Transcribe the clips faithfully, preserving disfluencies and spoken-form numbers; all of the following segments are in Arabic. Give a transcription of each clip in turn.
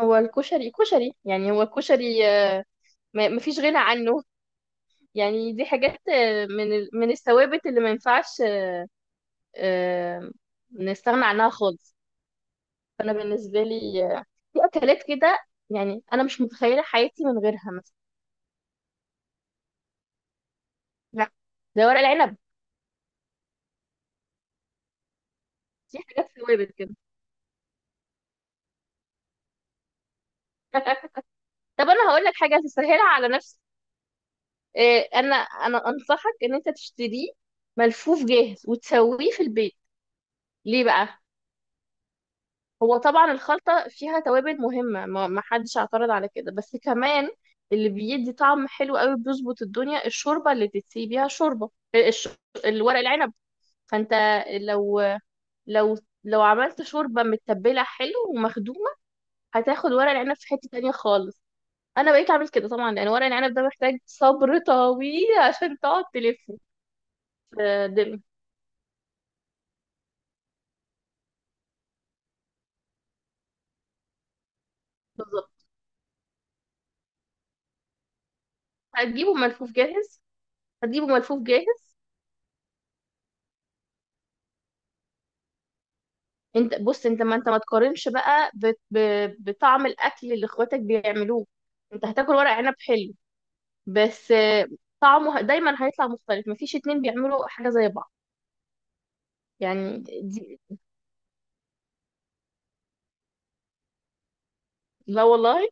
هو الكشري كشري، يعني هو الكشري، آه، ما- مفيش غنى عنه. يعني دي حاجات، آه، من ال- من الثوابت اللي ما ينفعش آه، نستغنى عنها خالص. فانا بالنسبه لي آه، في اكلات كده، يعني انا مش متخيله حياتي من غيرها. مثلا لا، ده ورق العنب. دي حاجات ثوابت كده. طب انا هقول لك حاجه تسهلها على نفسك. إيه، انا انا انصحك ان انت تشتريه ملفوف جاهز وتسويه في البيت. ليه بقى؟ هو طبعا الخلطة فيها توابل مهمة، ما ما حدش اعترض على كده، بس كمان اللي بيدي طعم حلو قوي بيظبط الدنيا الشوربة اللي تتسقي بيها، شوربة آه، الش... الورق العنب. فانت لو لو لو عملت شوربة متبلة حلو ومخدومة، هتاخد ورق العنب في حتة تانية خالص. انا بقيت اعمل كده طبعا، لان ورق العنب ده محتاج صبر طويل عشان تقعد تلفه في دم. بالظبط، هتجيبه ملفوف جاهز. هتجيبه ملفوف جاهز. انت بص، انت ما انت ما تقارنش بقى ب... ب... بطعم الاكل اللي اخواتك بيعملوه. انت هتاكل ورق عنب حلو، بس آه، طعمه ه- دايما هيطلع مختلف. مفيش اتنين بيعملوا حاجه زي بعض. يعني دي لا والله.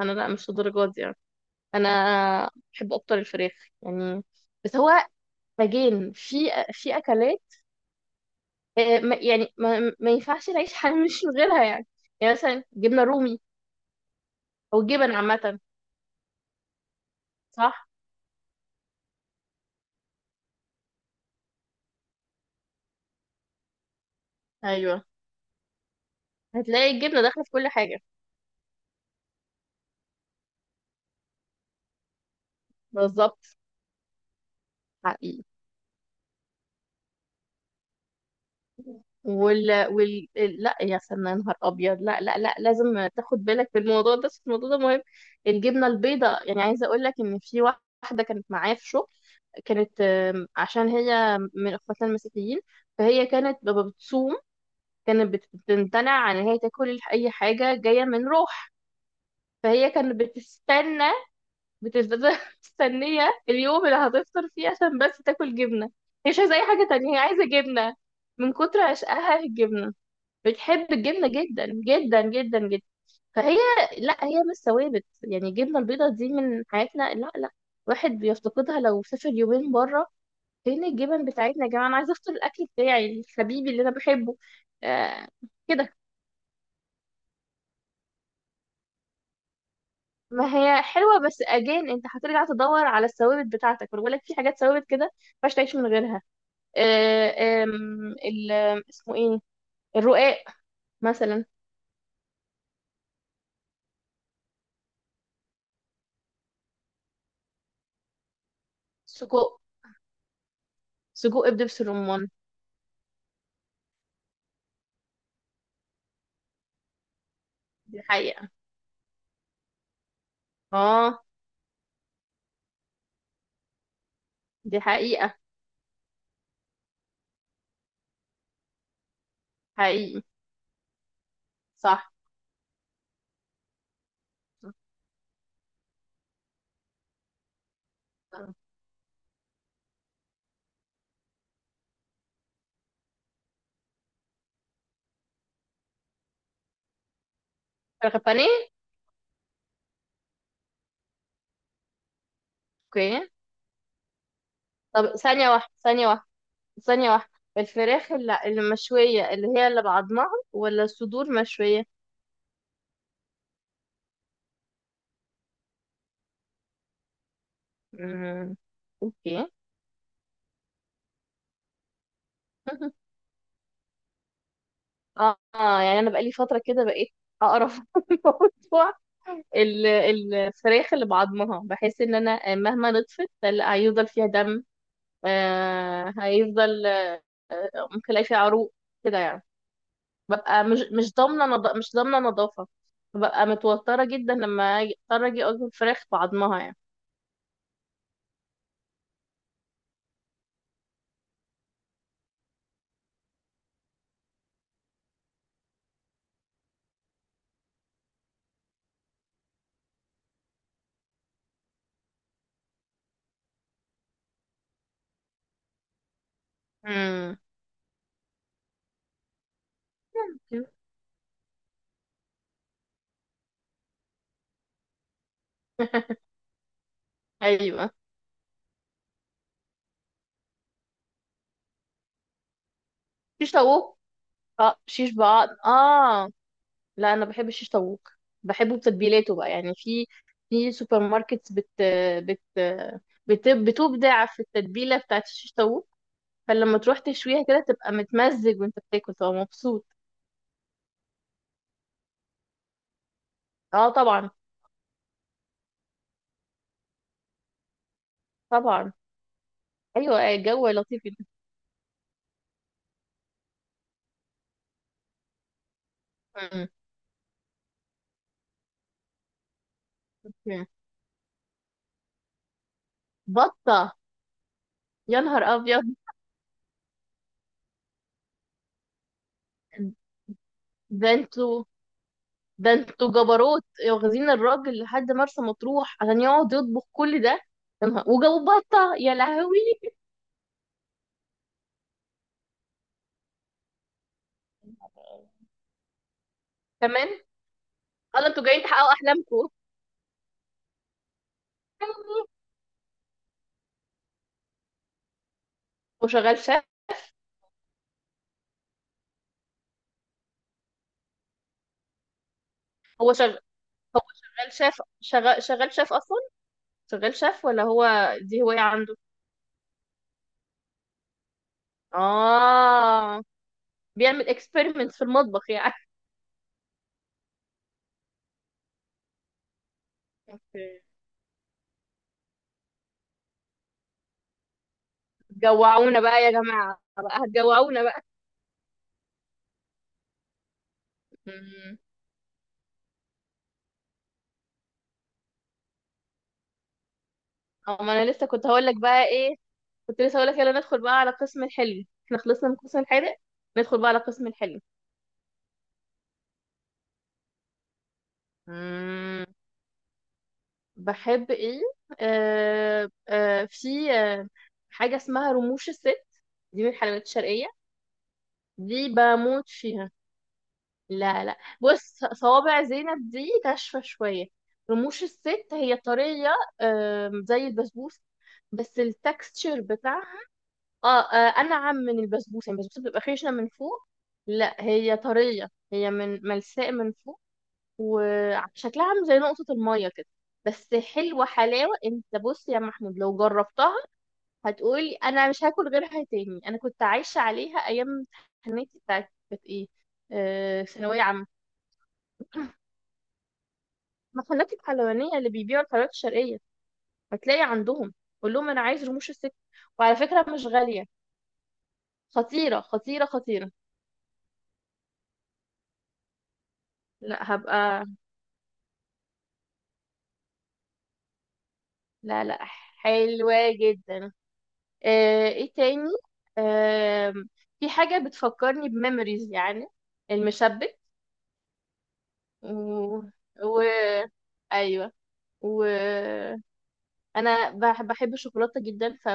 انا لا، مش للدرجه دي يعني. انا بحب اكتر الفراخ. يعني بس هو باجين في في اكلات، آه، ما- يعني ما, ما ينفعش نعيش حياه مش من غيرها يعني. يعني مثلا جبنه رومي او جبن عامه. صح. ايوه، هتلاقي الجبنه داخله في كل حاجه. بالظبط. حقيقي. وال وال لا، يا سنة يا نهار ابيض! لا لا لا، لازم تاخد بالك في الموضوع ده، بس الموضوع ده مهم. الجبنه البيضاء يعني، عايزه اقول لك ان في واحده كانت معايا في شغل، كانت آم، عشان هي من اخواتنا المسيحيين، فهي كانت ب- بتصوم. كانت بت- بتمتنع عن ان هي تاكل الح- اي حاجه جايه من روح. فهي كانت بتستنى، بتفضل مستنيه اليوم اللي هتفطر فيه عشان بس تاكل جبنه. هي مش عايزه اي حاجه تانية، هي عايزه جبنه. من كتر عشقها الجبنه، بتحب الجبنة جدا جدا جدا جدا. فهي لا، هي مش ثوابت يعني الجبنة البيضاء دي من حياتنا، لا لا. واحد بيفتقدها لو سافر يومين بره. فين الجبن بتاعتنا يا جماعة؟ أنا عايزة أفطر الأكل بتاعي الحبيبي اللي أنا بحبه. آه. كده ما هي حلوة، بس أجان أنت هترجع تدور على الثوابت بتاعتك، وأنا بقول لك في حاجات ثوابت كده ما ينفعش تعيش من غيرها. آه آم، ال- آم، اسمه إيه؟ الرقاق مثلا. سجق، سجق بدبس الرمان. دي حقيقة. اه، دي حقيقة. حقيقي. صح. فراخ البانيه. اوكي. طب ثانية واحدة، ثانية واحدة، ثانية واحدة. الفراخ اللي اللي مشوية، اللي هي اللي بعضمها ولا الصدور مشوية؟ امم. اوكي. اه، آه، يعني انا بقالي فترة كده بقيت اقرف من موضوع ال- الفراخ اللي بعضمها. بحس ان انا مهما نطفت هل- هيفضل فيها دم، آه هيفضل آه، ممكن الاقي فيها عروق كده يعني. ببقى مش مش ضامنه نض... مش ضامنه نظافه. ببقى متوتره جدا لما أجي- اضطر اجي اكل فراخ بعضمها يعني. امم. ايوه، شيش طاووق. اه، شيش بعض. اه لا، انا بحب الشيش طاووق، بحبه بتتبيلاته بقى. يعني في في سوبر ماركت بت بت بت بتبدع في التتبيله بتاعت الشيش طاووق. فلما تروح تشويها كده تبقى متمزج، وانت بتاكل تبقى مبسوط. اه طبعا. طبعا. ايوه، الجو لطيف جدا. مم. بطه؟ يا نهار ابيض! ده انتوا ده انتوا جبروت. واخدين الراجل لحد مرسى مطروح عشان يقعد يطبخ كل ده؟ يا نهار، وجابوا بطة، يا لهوي! كمان؟ قال انتوا جايين تحققوا احلامكم. هو شغال شاف؟ هو شغال هو شغال شاف شغال شغال شاف اصلا، شغال شاف ولا هو؟ دي هواية عنده. اه، بيعمل اكسبيرمنت في المطبخ يعني. اوكي. جوعونا بقى يا جماعة، بقى هتجوعونا بقى. مم. اه، ما انا لسه كنت هقول لك بقى ايه، كنت لسه هقولك يلا ندخل بقى على قسم الحلو، احنا خلصنا من القسم الحادق. ندخل بقى على قسم الحلو. مم. بحب ايه؟ آه آه في آه حاجة اسمها رموش الست، دي من الحلويات الشرقية. دي بموت فيها. لا لا، بص، صوابع زينب دي ناشفة شوية. رموش الست هي طرية، آم، زي البسبوسة. بس التكستشر بتاعها اه آه، انعم من البسبوسه. يعني البسبوسه بتبقى خشنه من فوق، لا هي طريه، هي من ملساء من فوق، وشكلها عامل زي نقطه الميه كده. بس حلوه حلاوه، انت بص يا محمود، لو جربتها هتقولي انا مش هاكل غيرها تاني. انا كنت عايشه عليها ايام امتحاناتي بتاعت كانت ايه، آه، ثانويه عامه. محلات الحلوانيه اللي بيبيعوا الحلويات الشرقيه هتلاقي عندهم، قول لهم انا عايز رموش الست. وعلى فكره مش غاليه. خطيره خطيره خطيره. لا هبقى. لا لا. حلوة جدا. آه، ايه تاني؟ آم، في حاجة بتفكرني بميموريز يعني، المشبك. و... و... ايوه. و انا بح- بحب الشوكولاته جدا. ف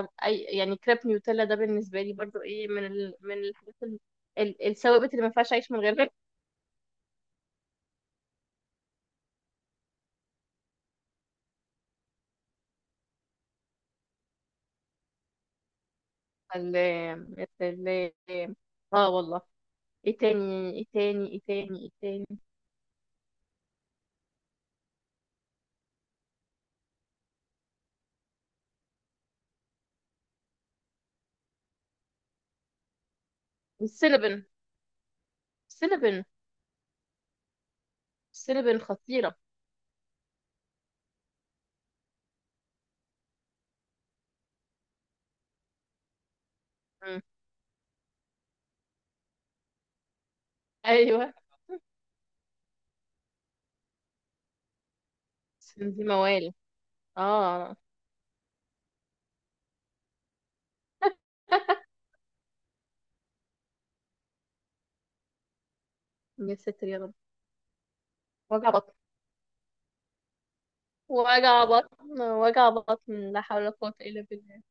يعني كريب نيوتيلا ده بالنسبه لي برضو ايه، من ال... من الحاجات، ال... ال- الثوابت اللي ما ينفعش اعيش من غيرها. ال... ال... اه والله. ايه تاني ايه تاني ايه تاني ايه تاني؟ السينابن. السينابن السينابن خطيره. ايوه، عشان دي موال. اه. يا ساتر يا رب! وجع بطن، وجع بطن، وجع بطن، لا حول ولا قوة إلا بالله.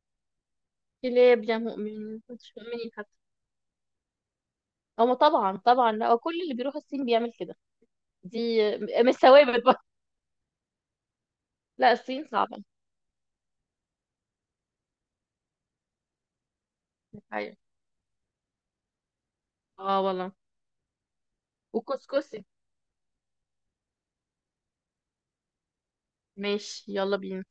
كلاب يا مؤمنين، مش مؤمنين حتى. هما طبعا طبعا، لا، وكل اللي بيروح الصين بيعمل كده. دي مش ثوابت بقى. لا، الصين صعبة. أيوة. اه والله. وكسكسي. ماشي، يلا بينا.